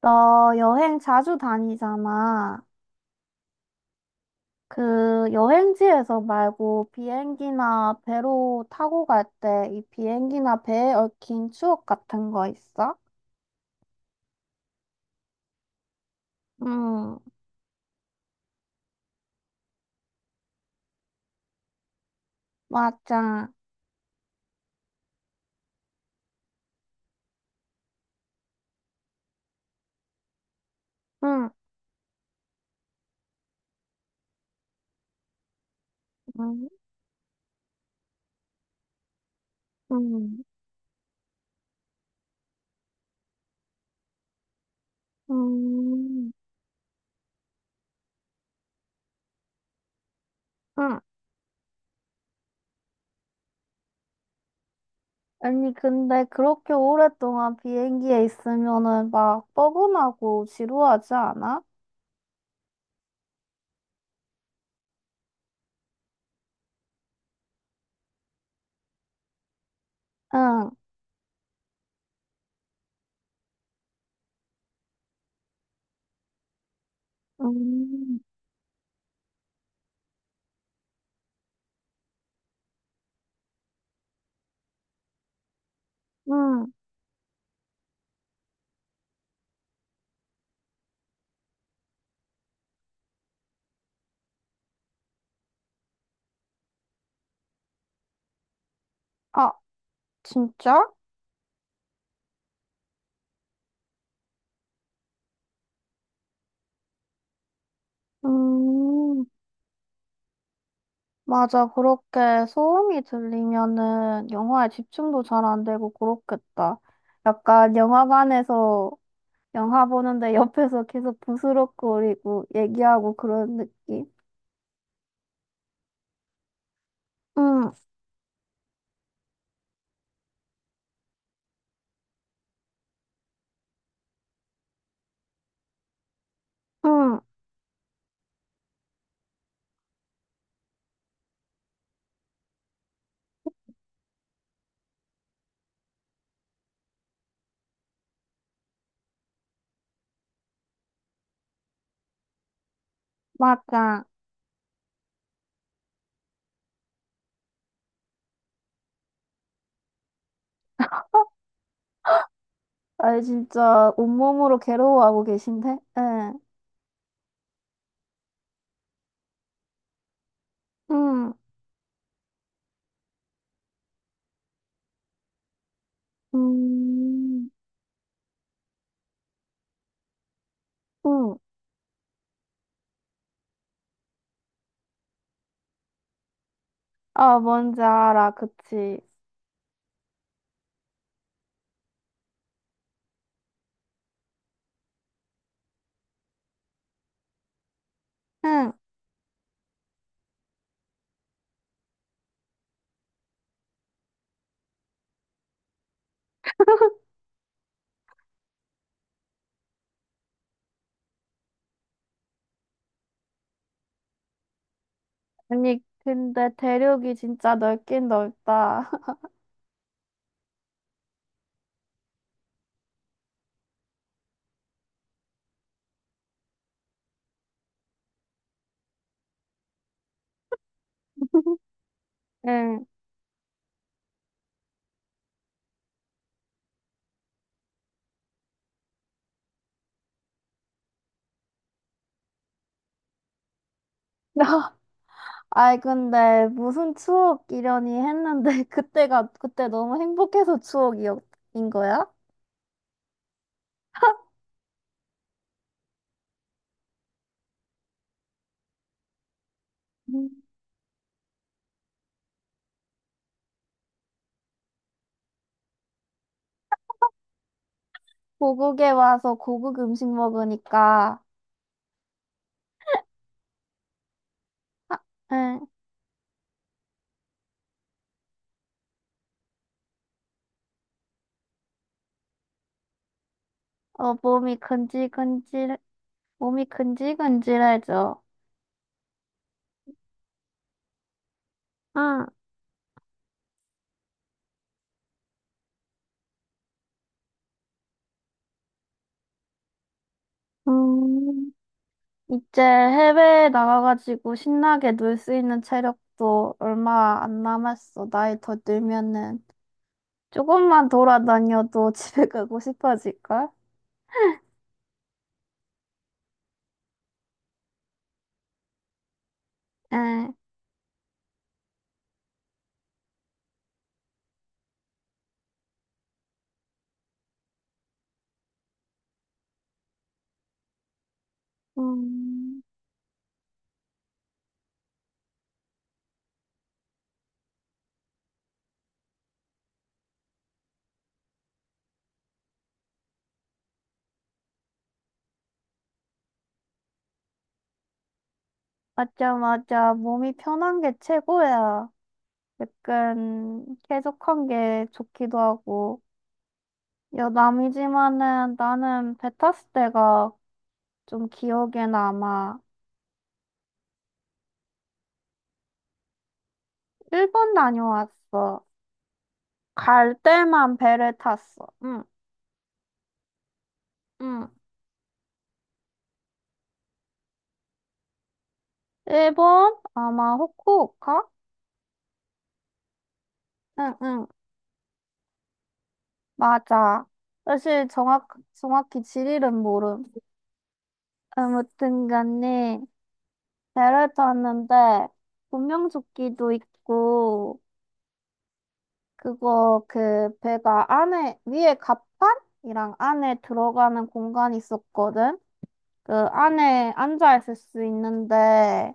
너 여행 자주 다니잖아. 그 여행지에서 말고 비행기나 배로 타고 갈 때 이 비행기나 배에 얽힌 추억 같은 거 있어? 응, 맞아. 응, 응, 응, 응. 응. 아니, 근데 그렇게 오랫동안 비행기에 있으면은 막 뻐근하고 지루하지 않아? 응, 음, 응. 아, 진짜? 음. 맞아. 그렇게 소음이 들리면은 영화에 집중도 잘 안 되고 그렇겠다. 약간 영화관에서 영화 보는데 옆에서 계속 부스럭거리고 얘기하고 그런 느낌? 응, 응, 맞아. 아니, 진짜 온몸으로 괴로워하고 계신데? 응, 응, 음, 응. 아, 뭔지 알아. 그치. 응. 아니, 근데 대륙이 진짜 넓긴 넓다. 응. 아이, 근데 무슨 추억이려니 했는데, 그때 너무 행복해서 추억이인 거야? 음. 고국에 와서 고국 음식 먹으니까, 아, 응, 어, 몸이 근질근질해져. 응, 음, 이제 해외에 나가가지고 신나게 놀 수 있는 체력도 얼마 안 남았어. 나이 더 들면은. 조금만 돌아다녀도 집에 가고 싶어질걸? 응. 음. 맞아, 맞아. 몸이 편한 게 최고야. 약간 쾌적한 게 좋기도 하고. 여남이지만은 나는 배 탔을 때가 좀 기억에 남아. 일본 다녀왔어. 갈 때만 배를 탔어. 응, 응. 일본? 아마 후쿠오카? 응, 응. 맞아. 사실 정확히 지리는 모름. 아무튼 간에 배를 탔는데, 분명 조끼도 있고, 그거 그 배가 안에 위에 갑판이랑 안에 들어가는 공간이 있었거든. 그 안에 앉아 있을 수 있는데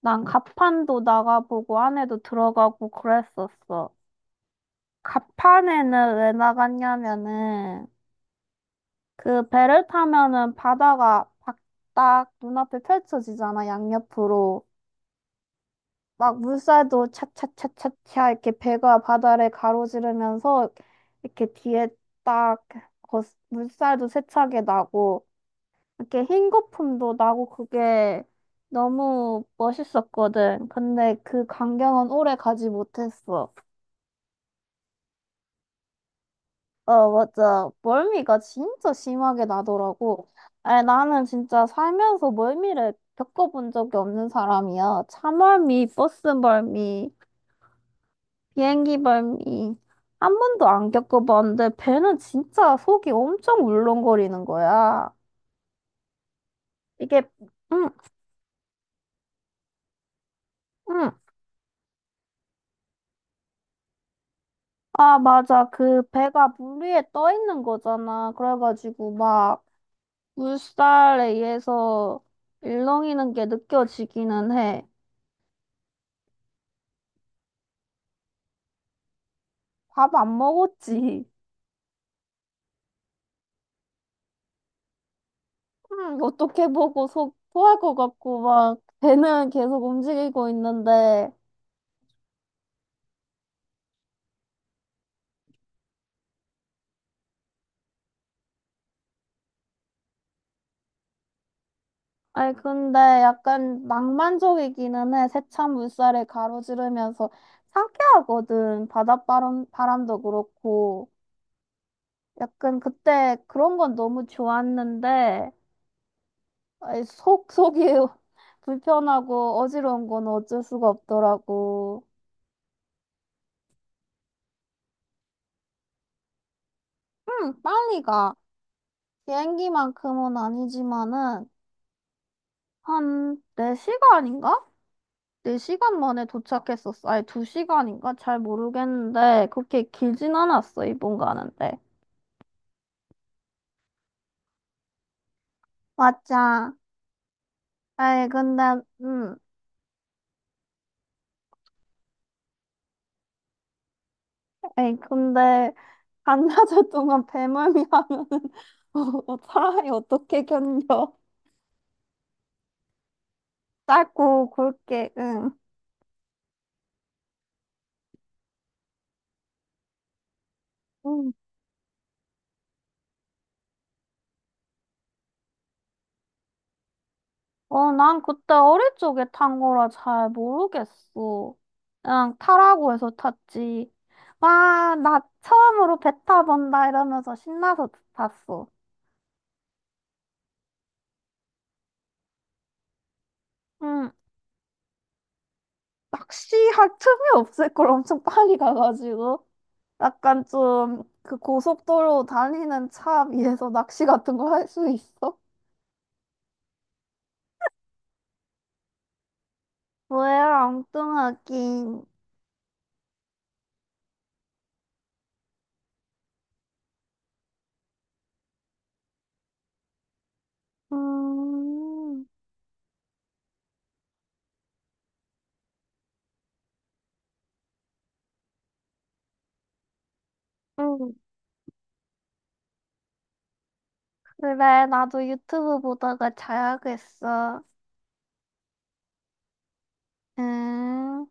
난 갑판도 나가보고 안에도 들어가고 그랬었어. 갑판에는 왜 나갔냐면은 그 배를 타면은 바다가 딱 눈앞에 펼쳐지잖아, 양옆으로. 막 물살도 차차차차차 이렇게 배가 바다를 가로지르면서 이렇게 뒤에 딱 거, 물살도 세차게 나고 이렇게 흰 거품도 나고 그게 너무 멋있었거든. 근데 그 광경은 오래 가지 못했어. 어, 맞아. 멀미가 진짜 심하게 나더라고. 아니, 나는 진짜 살면서 멀미를 겪어본 적이 없는 사람이야. 차멀미, 버스멀미. 비행기 발미 한 번도 안 겪어봤는데 배는 진짜 속이 엄청 울렁거리는 거야. 이게 응, 응, 아, 맞아. 그 배가 물 위에 떠 있는 거잖아. 그래가지고 막 물살에 의해서 일렁이는 게 느껴지기는 해. 밥 안 먹었지. 응, 어떻게 보고 속 토할 것 같고 막 배는 계속 움직이고 있는데. 아니, 근데 약간 낭만적이기는 해. 세찬 물살에 가로지르면서 상쾌하거든. 바닷바람, 바람도 그렇고. 약간 그때 그런 건 너무 좋았는데, 아이, 속이 불편하고 어지러운 건 어쩔 수가 없더라고. 응, 빨리 가. 비행기만큼은 아니지만은, 한 4시간인가? 4시간 만에 도착했었어. 아니, 2시간인가? 잘 모르겠는데, 그렇게 길진 않았어, 일본 가는데. 맞아. 아이, 근데, 음, 아이, 근데, 반나절 동안 배멀미 하면은, 어, 사람이 어떻게 견뎌? 짧고 굵게, 응. 응. 어, 난 그때 어릴 적에 탄 거라 잘 모르겠어. 그냥 타라고 해서 탔지. 와, 나 처음으로 배 타본다 이러면서 신나서 탔어. 음, 낚시할 틈이 없을 걸 엄청 빨리 가가지고 약간 좀 그 고속도로 달리는 차 위에서 낚시 같은 걸 할 수 있어? 뭐야, 엉뚱하긴. 음, 음, 그래, 나도 유튜브 보다가 자야겠어. 음.